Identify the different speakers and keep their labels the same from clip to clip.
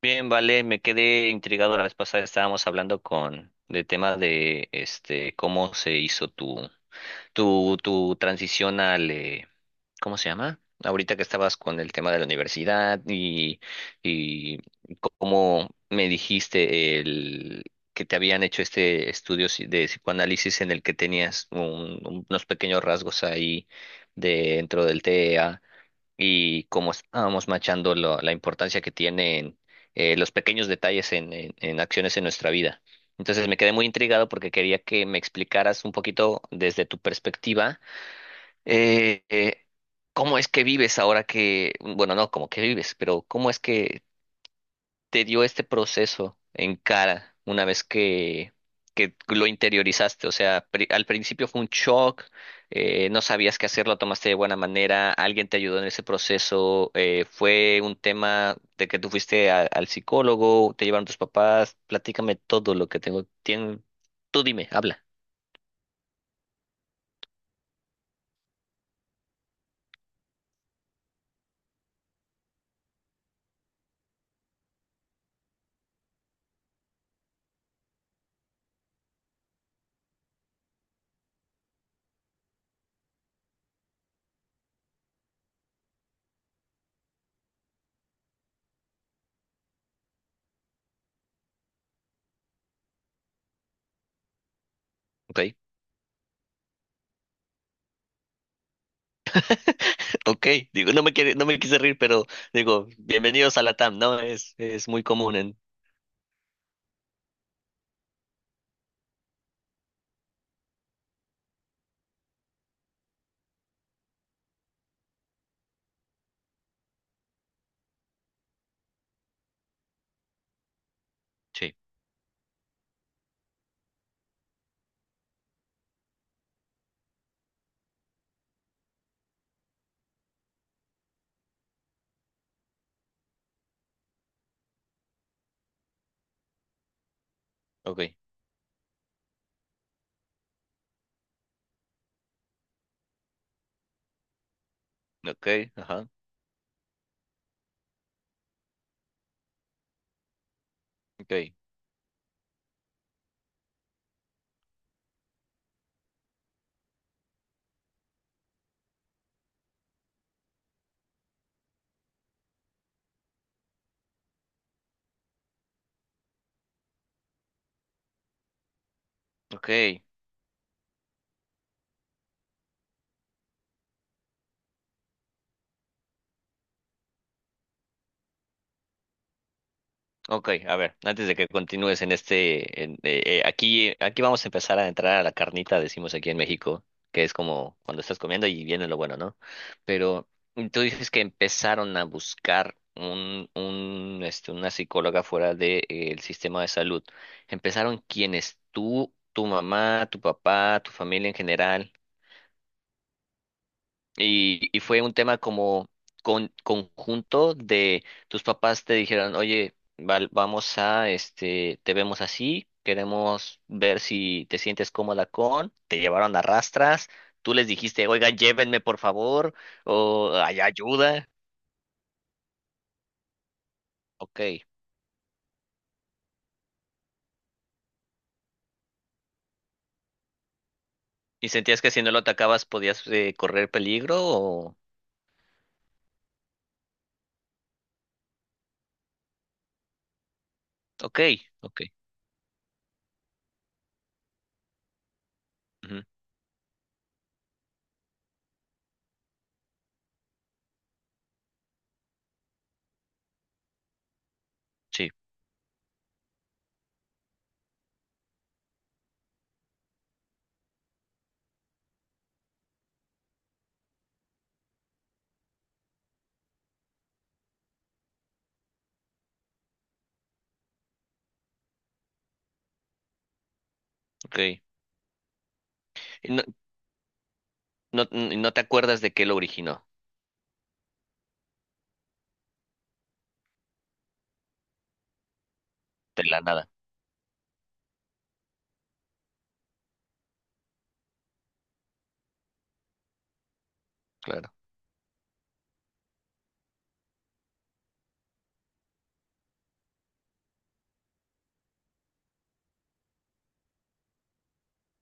Speaker 1: Bien, vale, me quedé intrigado la vez pasada, estábamos hablando con de tema de este cómo se hizo tu tu transición al ¿cómo se llama? Ahorita que estabas con el tema de la universidad y cómo me dijiste el que te habían hecho este estudio de psicoanálisis en el que tenías unos pequeños rasgos ahí dentro del t E a, y como estábamos machando la importancia que tienen los pequeños detalles en acciones en nuestra vida. Entonces me quedé muy intrigado porque quería que me explicaras un poquito desde tu perspectiva, eh, eh, cómo es que vives ahora que, bueno, no como que vives, pero cómo es que te dio este proceso en cara una vez que lo interiorizaste. O sea, al principio fue un shock, no sabías qué hacer, lo tomaste de buena manera, alguien te ayudó en ese proceso, fue un tema de que tú fuiste al psicólogo, te llevaron tus papás, platícame todo lo que tengo, tú dime, habla. Ok. Ok, digo, no me quiere, no me quise reír, pero digo, bienvenidos a la TAM, ¿no? Es muy común en... Sí, ok, ok, ajá, ok, ok. Ok, a ver, antes de que continúes en este, aquí, aquí vamos a empezar a entrar a la carnita, decimos aquí en México, que es como cuando estás comiendo y viene lo bueno, ¿no? Pero tú dices que empezaron a buscar un, este, una psicóloga fuera del sistema de salud. ¿Empezaron quiénes? ¿Tú, tu mamá, tu papá, tu familia en general? Y fue un tema como con, conjunto de tus papás te dijeron, oye, vamos a, este, te vemos así, queremos ver si te sientes cómoda con, te llevaron a rastras, tú les dijiste, oiga, llévenme por favor, o hay ayuda, ok. ¿Y sentías que si no lo atacabas podías correr peligro o...? Ok, ok, ujú, sí, ok. Y no, no, no te acuerdas de qué lo originó, de la nada, claro.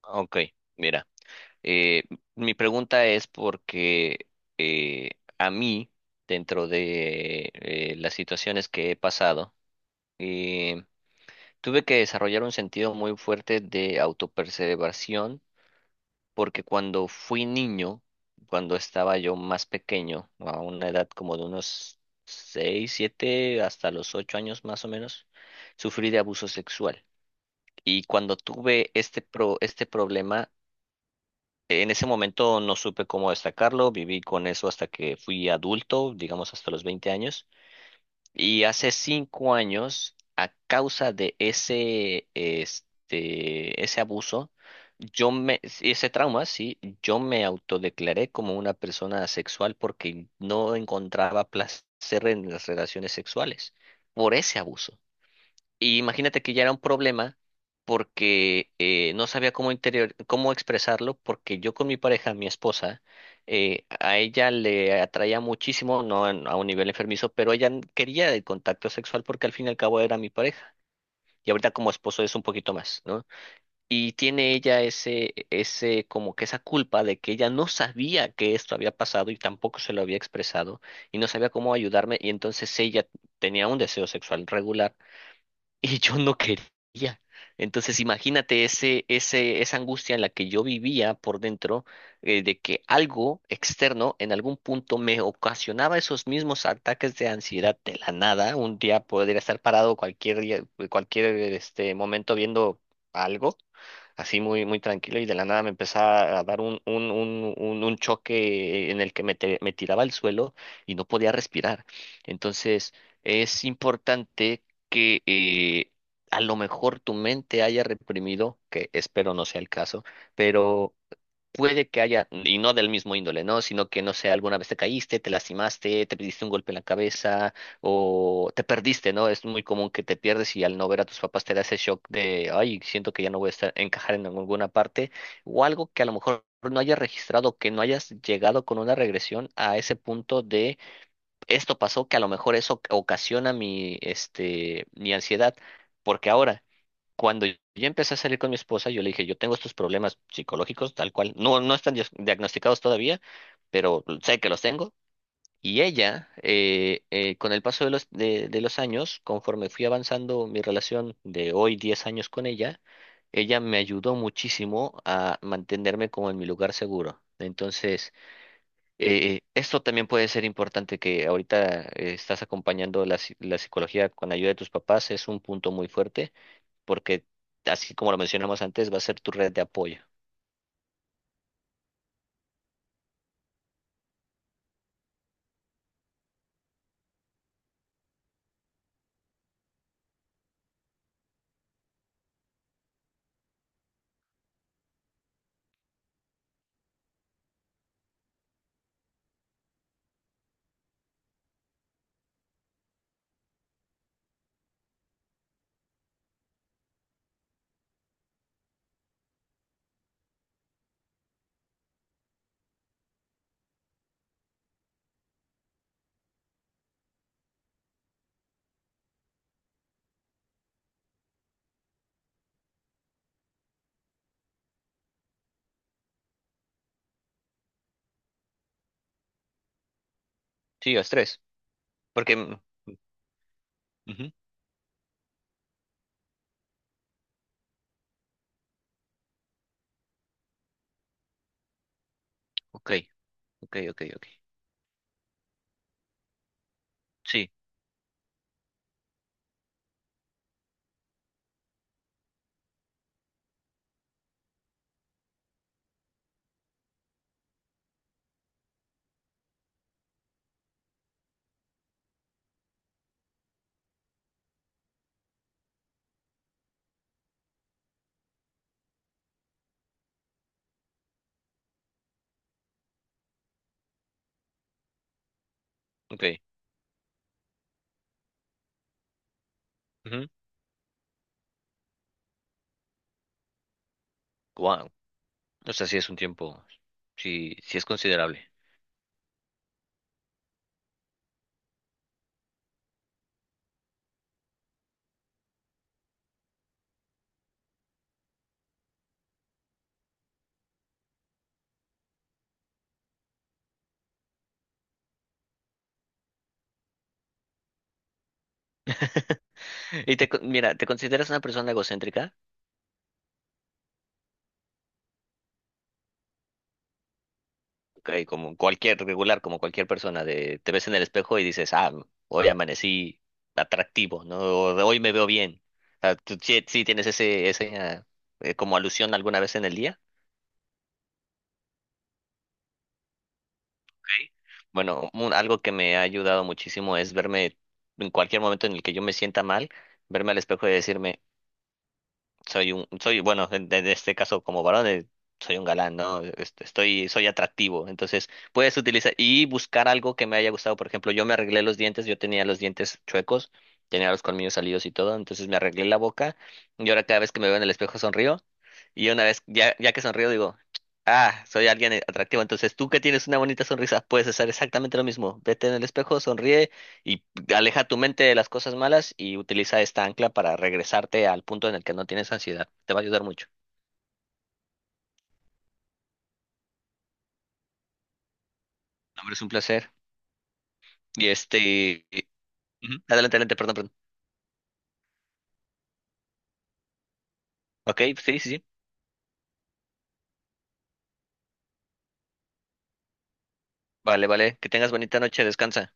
Speaker 1: Ok, mira. Eh, mi pregunta es porque eh, a mí, dentro de las situaciones que he pasado, eh, tuve que desarrollar un sentido muy fuerte de autopreservación, porque cuando fui niño, cuando estaba yo más pequeño, a una edad como de unos 6 7 hasta los 8 años más o menos, sufrí de abuso sexual. Y cuando tuve este, este problema, en ese momento no supe cómo destacarlo, viví con eso hasta que fui adulto, digamos hasta los 20 años, y hace 5 años, a causa de ese, este, ese abuso, yo me, sí, ese trauma, sí, yo me autodeclaré como una persona asexual porque no encontraba placer en las relaciones sexuales por ese abuso. Y imagínate que ya era un problema porque no sabía cómo interior, cómo expresarlo, porque yo con mi pareja, mi esposa, a ella le atraía muchísimo, no a un nivel enfermizo, pero ella quería el contacto sexual porque al fin y al cabo era mi pareja. Y ahorita como esposo es un poquito más, ¿no? Y tiene ella ese, ese, como que esa culpa de que ella no sabía que esto había pasado y tampoco se lo había expresado y no sabía cómo ayudarme y entonces ella tenía un deseo sexual regular y yo no quería. Entonces, imagínate ese, ese, esa angustia en la que yo vivía por dentro, de que algo externo en algún punto me ocasionaba esos mismos ataques de ansiedad de la nada. Un día podría estar parado cualquier cualquier este momento viendo algo, así muy, muy tranquilo, y de la nada me empezaba a dar un choque en el que me, me tiraba al suelo y no podía respirar. Entonces, es importante que a lo mejor tu mente haya reprimido, que espero no sea el caso, pero puede que haya, y no del mismo índole, ¿no? Sino que, no sé, alguna vez te caíste, te lastimaste, te diste un golpe en la cabeza o te perdiste, ¿no? Es muy común que te pierdes y al no ver a tus papás te da ese shock de, ay, siento que ya no voy a estar, encajar en alguna parte o algo que a lo mejor no hayas registrado, que no hayas llegado con una regresión a ese punto esto pasó que a lo mejor eso ocasiona mi, este, mi ansiedad, porque ahora, cuando yo empecé a salir con mi esposa, yo le dije, yo tengo estos problemas psicológicos, tal cual, no, no están diagnosticados todavía, pero sé que los tengo. Y ella, con el paso de los años, conforme fui avanzando mi relación de hoy 10 años con ella, ella me ayudó muchísimo a mantenerme como en mi lugar seguro. Entonces, esto también puede ser importante que ahorita estás acompañando la, la psicología con ayuda de tus papás, es un punto muy fuerte porque así como lo mencionamos antes, va a ser tu red de apoyo. Sí, los tres. Porque... mm, ujú, ok, ok, ok, ok. Sí, ok. Ujú. Wow. O sea, sí es un tiempo, sí, sí es considerable. ¿Y te, mira, te consideras una persona egocéntrica? Ok, como cualquier regular, como cualquier persona, de, te ves en el espejo y dices, ah, hoy amanecí atractivo, ¿no? O de hoy me veo bien. O sea, ¿tú sí, sí tienes ese, ese, ah, como alusión alguna vez en el día? Ok. Bueno, algo que me ha ayudado muchísimo es verme en cualquier momento en el que yo me sienta mal, verme al espejo y decirme, soy un, soy, bueno, en este caso como varón, soy un galán, ¿no? Estoy, soy atractivo. Entonces, puedes utilizar y buscar algo que me haya gustado. Por ejemplo, yo me arreglé los dientes, yo tenía los dientes chuecos, tenía los colmillos salidos y todo, entonces me arreglé la boca y ahora cada vez que me veo en el espejo sonrío y una vez, ya, ya que sonrío, digo, ah, soy alguien atractivo. Entonces, tú que tienes una bonita sonrisa, puedes hacer exactamente lo mismo. Vete en el espejo, sonríe. Y aleja tu mente de las cosas malas y utiliza esta ancla para regresarte al punto en el que no tienes ansiedad. Te va a ayudar mucho. No, hombre, es un placer. Y este... y- ujú, adelante, adelante, perdón, perdón. Ok, sí, sí, sí. Vale, vale. Que tengas bonita noche, descansa.